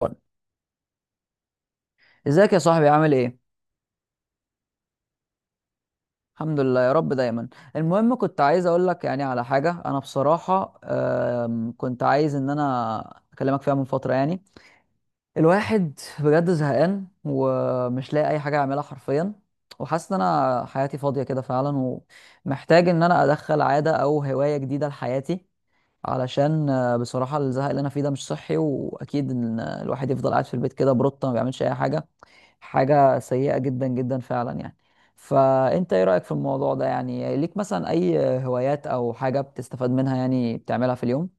وان. ازيك يا صاحبي؟ عامل ايه؟ الحمد لله يا رب دايما. المهم كنت عايز اقول لك يعني على حاجه. انا بصراحه كنت عايز ان انا اكلمك فيها من فتره يعني. الواحد بجد زهقان ومش لاقي اي حاجه اعملها حرفيا، وحاسس ان انا حياتي فاضيه كده فعلا، ومحتاج ان انا ادخل عاده او هوايه جديده لحياتي، علشان بصراحه الزهق اللي انا فيه ده مش صحي. واكيد ان الواحد يفضل قاعد في البيت كده بروتة ما بيعملش اي حاجه، حاجة سيئة جدا جدا فعلا يعني. فانت ايه رأيك في الموضوع ده؟ يعني ليك مثلا اي هوايات او حاجة بتستفاد منها يعني بتعملها في اليوم؟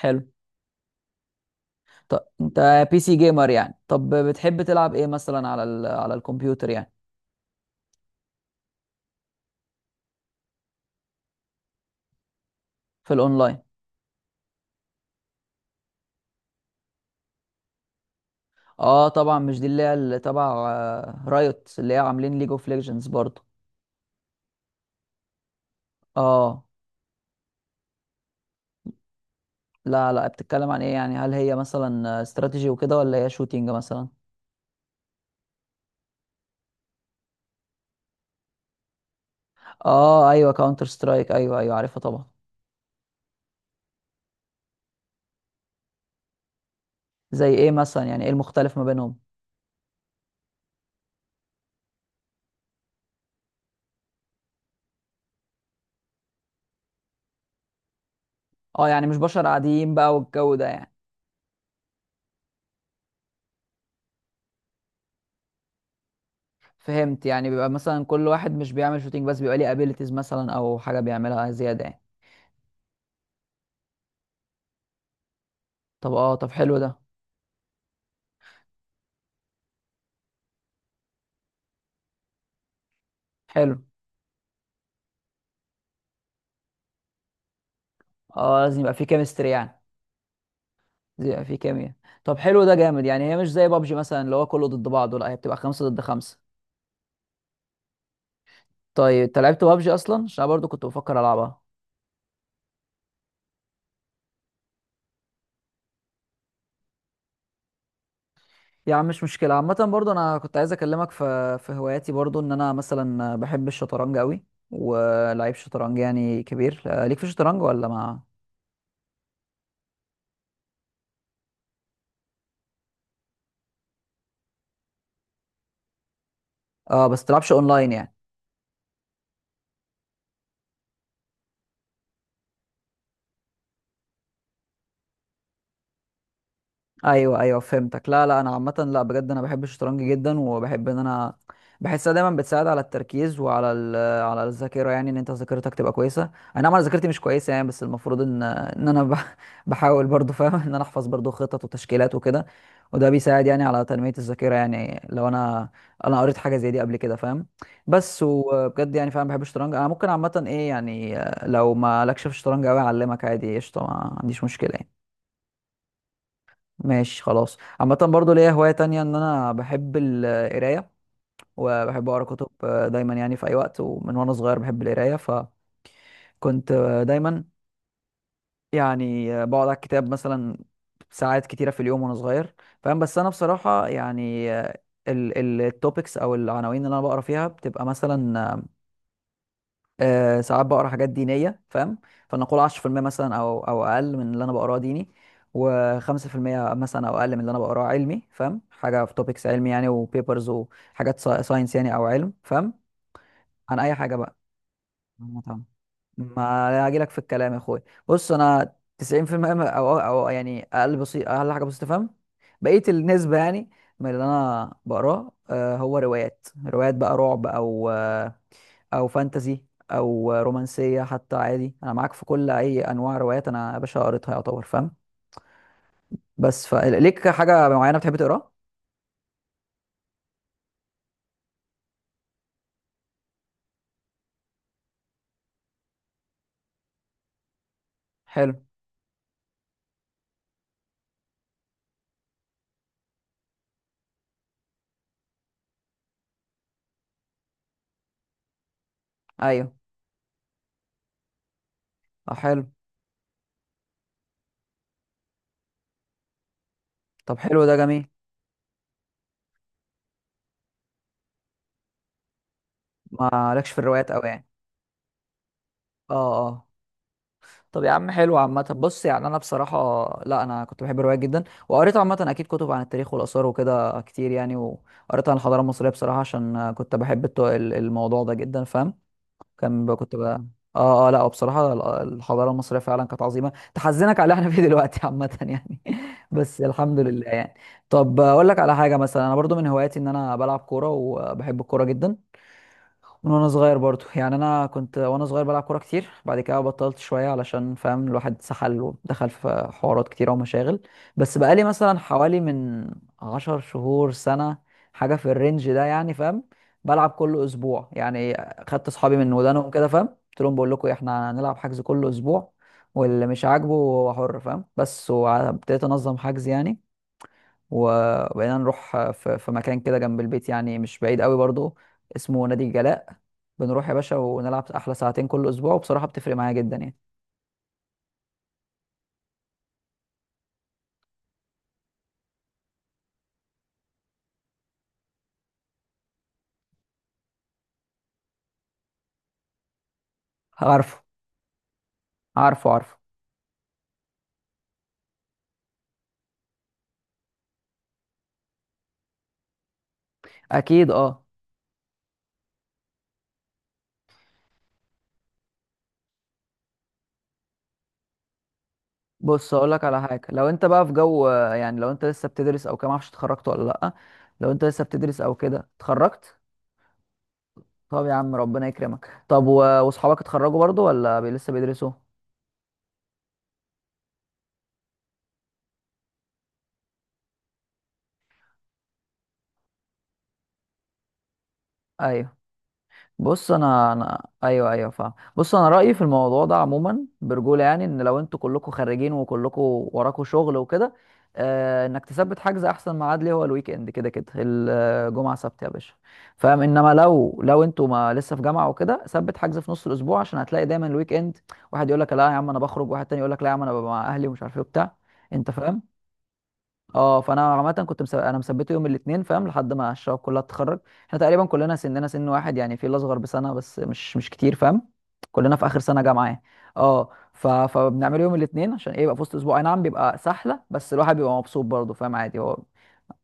حلو. طب انت بي سي جيمر يعني؟ طب بتحب تلعب ايه مثلا على على الكمبيوتر يعني؟ في الاونلاين. اه طبعا، مش دي اللي هي اللي تبع رايوت، اللي هي عاملين ليج اوف ليجندز برضو؟ اه. لا لا، بتتكلم عن ايه يعني؟ هل هي مثلا استراتيجي وكده ولا هي شوتينج مثلا؟ اه ايوه، كاونتر سترايك، ايوه ايوه عارفها طبعا. زي ايه مثلا يعني؟ ايه المختلف ما بينهم؟ اه يعني مش بشر عاديين بقى والجو ده يعني؟ فهمت. يعني بيبقى مثلا كل واحد مش بيعمل شوتينج بس بيبقى ليه ابيليتيز مثلا او حاجه بيعملها زياده يعني. طب اه، طب حلو ده. حلو. اه لازم يبقى في كيمستري يعني، لازم يبقى في كيمياء. طب حلو ده جامد يعني. هي مش زي بابجي مثلا اللي هو كله ضد بعضه، لا هي بتبقى خمسة ضد خمسة. طيب انت لعبت بابجي اصلا؟ عشان أنا برضو كنت بفكر العبها. يا عم مش مشكلة. عامة برضو أنا كنت عايز أكلمك في هواياتي برضو، إن أنا مثلا بحب الشطرنج أوي، ولعيب شطرنج يعني كبير. ليك في الشطرنج ولا ما؟ آه بس تلعبش أونلاين يعني؟ ايوه ايوه فهمتك. لا لا انا عامه، لا بجد انا بحب الشطرنج جدا، وبحب ان انا بحسها دايما بتساعد على التركيز وعلى على الذاكره، يعني ان انت ذاكرتك تبقى كويسه. انا نعم، انا ذاكرتي مش كويسه يعني، بس المفروض ان بحاول برضو فاهم ان انا احفظ برضو خطط وتشكيلات وكده، وده بيساعد يعني على تنميه الذاكره. يعني لو انا قريت حاجه زي دي قبل كده فاهم. بس وبجد يعني فاهم بحب الشطرنج. انا ممكن عامه ايه يعني، لو ما لكش في الشطرنج قوي اعلمك عادي، قشطه، ما عنديش مشكله يعني. ماشي خلاص. عامة برضو ليا هواية تانية، ان انا بحب القراية، وبحب اقرا كتب دايما يعني في اي وقت. ومن وانا صغير بحب القراية، فكنت دايما يعني بقعد على الكتاب مثلا ساعات كتيرة في اليوم وانا صغير فاهم. بس انا بصراحة يعني التوبكس او العناوين اللي انا بقرا فيها بتبقى مثلا ساعات بقرا حاجات دينيه فاهم، فنقول 10% مثلا او اقل من اللي انا بقراه ديني، و5% مثلا او اقل من اللي انا بقراه علمي فاهم، حاجه في توبكس علمي يعني وبيبرز وحاجات ساينس يعني او علم فاهم، عن اي حاجه بقى عامة. ما هاجي لك في الكلام يا اخويا. بص انا 90% او يعني اقل بسيط، اقل حاجه بسيطه فاهم، بقيه النسبه يعني من اللي انا بقراه هو روايات، روايات بقى رعب او او فانتزي او رومانسيه، حتى عادي انا معاك في كل اي انواع روايات انا يا باشا قريتها يعتبر فاهم. بس فليك حاجه معينه بتحب تقراها؟ حلو، ايوه. طب حلو. طب حلو ده جميل. ما لكش في الروايات قوي يعني؟ اه اه. طب يا عم حلو. عامة بص، يعني أنا بصراحة لا، أنا كنت بحب الروايات جدا، وقريت عامة أكيد كتب عن التاريخ والآثار وكده كتير يعني، وقريت عن الحضارة المصرية بصراحة عشان كنت بحب الموضوع ده جدا فاهم. كان بقى كنت بقى اه اه لا. وبصراحة الحضارة المصرية فعلا كانت عظيمة، تحزنك على اللي احنا فيه دلوقتي عامة يعني بس الحمد لله يعني. طب اقول لك على حاجة، مثلا انا برضو من هواياتي ان انا بلعب كورة، وبحب الكورة جدا من وانا صغير برضو. يعني انا كنت وانا صغير بلعب كوره كتير، بعد كده بطلت شويه علشان فاهم الواحد سحل ودخل في حوارات كتيره ومشاغل. بس بقالي مثلا حوالي من عشر شهور سنه، حاجه في الرينج ده يعني فاهم، بلعب كل اسبوع يعني. خدت اصحابي من ودانهم كده فاهم، قلت لهم بقول لكم احنا هنلعب حجز كل اسبوع، واللي مش عاجبه هو حر فاهم، بس وابتديت انظم حجز يعني، و- وبقينا نروح في مكان كده جنب البيت يعني مش بعيد قوي برضو، اسمه نادي الجلاء. بنروح يا باشا ونلعب احلى ساعتين كل اسبوع، وبصراحة بتفرق معايا جدا يعني. عارفه، عارفه عارفه. اكيد اه. بص اقول لك على حاجه، لو انت بقى في جو يعني لو انت لسه بتدرس او كده، معرفش اتخرجت ولا لا؟ لو انت لسه بتدرس او كده اتخرجت. طب يا عم ربنا يكرمك. طب واصحابك اتخرجوا برضو ولا لسه بيدرسوا؟ ايوه. بص انا ايوه ايوه فاهم. بص انا رايي في الموضوع ده عموما برجوله يعني، ان لو انتوا كلكم خارجين وكلكم وراكم شغل وكده، آه، انك تثبت حجز، احسن ميعاد ليه هو الويك اند كده كده، الجمعه سبت يا باشا فاهم. انما لو انتوا ما لسه في جامعه وكده، ثبت حجز في نص الاسبوع، عشان هتلاقي دايما الويك اند واحد يقول لك لا يا عم انا بخرج، واحد تاني يقول لك لا يا عم انا ببقى مع اهلي ومش عارف ايه وبتاع، انت فاهم. اه، فانا عامه كنت انا مثبته يوم الاثنين فاهم لحد ما الشباب كلها تتخرج. احنا تقريبا كلنا سننا سن واحد يعني، في اللي اصغر بسنه بس مش كتير فاهم، كلنا في اخر سنه جامعه يعني. اه فبنعمله يوم الاثنين عشان ايه، يبقى في وسط اسبوع، اي نعم بيبقى سحله بس الواحد بيبقى مبسوط برضه فاهم عادي هو.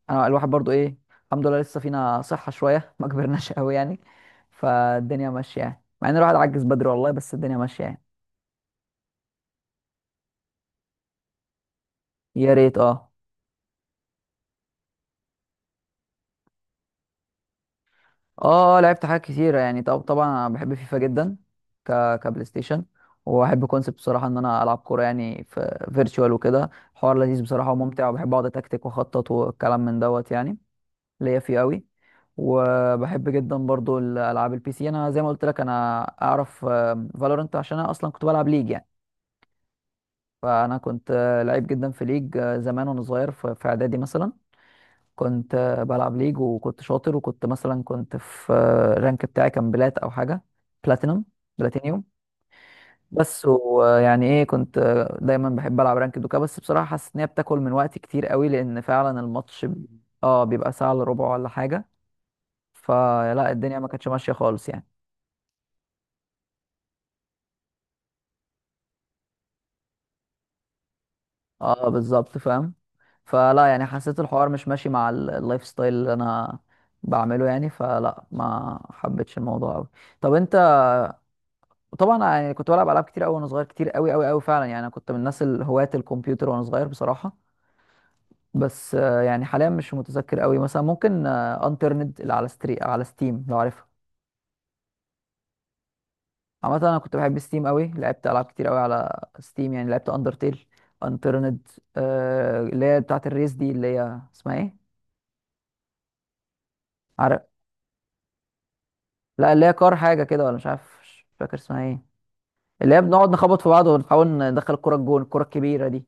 انا الواحد برضه ايه، الحمد لله لسه فينا صحه شويه ما كبرناش قوي يعني، فالدنيا ماشيه يعني، مع ان الواحد عجز بدري والله بس الدنيا ماشيه يعني. يا ريت اه اه. لعبت حاجات كتيرة يعني. طب طبعا انا بحب فيفا جدا، ك كبلاي ستيشن، وبحب كونسبت بصراحة ان انا العب كورة يعني في فيرتشوال، وكده حوار لذيذ بصراحة وممتع، وبحب اقعد اتكتك واخطط والكلام من دوت يعني، ليا فيه قوي. وبحب جدا برضو الالعاب البي سي، انا زي ما قلت لك انا اعرف فالورنت عشان انا اصلا كنت بلعب ليج يعني. فانا كنت لعيب جدا في ليج زمان وانا صغير في اعدادي مثلا، كنت بلعب ليج وكنت شاطر، وكنت مثلا كنت في الرانك بتاعي، كان بلات او حاجه، بلاتينum بلاتينيوم. بس ويعني ايه كنت دايما بحب العب رانك دوكا، بس بصراحه حاسس ان هي بتاكل من وقتي كتير قوي، لان فعلا الماتش اه بيبقى ساعه الا ربع ولا حاجه، فلا الدنيا ما كانتش ماشيه خالص يعني. اه بالظبط فاهم، فلا يعني حسيت الحوار مش ماشي مع اللايف ستايل اللي انا بعمله يعني، فلا ما حبيتش الموضوع قوي. طب انت. وطبعا يعني كنت بلعب العاب كتير قوي وانا صغير، كتير قوي قوي قوي فعلا يعني، انا كنت من الناس الهواة الكمبيوتر وانا صغير بصراحه. بس يعني حاليا مش متذكر قوي، مثلا ممكن انترنت اللي على على ستيم لو عارفها. عامه انا كنت بحب ستيم قوي، لعبت العاب كتير قوي على ستيم يعني. لعبت اندرتيل، انترنت اللي هي بتاعه الريس دي اللي هي اسمها ايه؟ عارف. لا اللي هي كار حاجه كده، ولا مش عارف مش فاكر اسمها ايه، اللي هي بنقعد نخبط في بعض ونحاول ندخل الكره الجون، الكره الكبيره دي.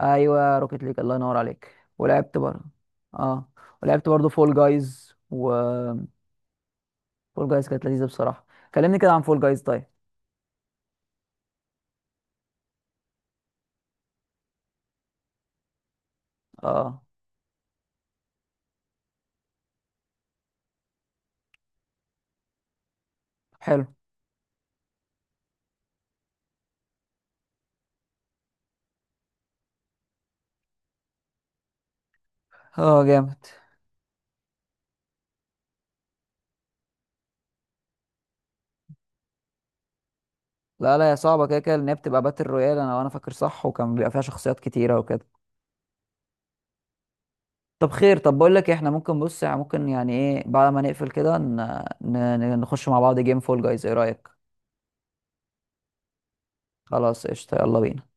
ايوه روكيت ليج، الله ينور عليك، ولعبت برضه. اه. ولعبت برضه فول جايز، فول جايز كانت لذيذه بصراحه. كلمني كده عن فول جايز. طيب اه، حلو، اه جامد. لا لا يا صعبه كده كده، لان هي بتبقى باتل رويال انا وانا فاكر صح، وكان بيبقى فيها شخصيات كتيره وكده. طب خير، طب بقول لك إيه، احنا ممكن بص يعني ممكن يعني ايه، بعد ما نقفل كده نخش مع بعض جيم فول جايز، ايه رايك؟ خلاص قشطه، يلا بينا.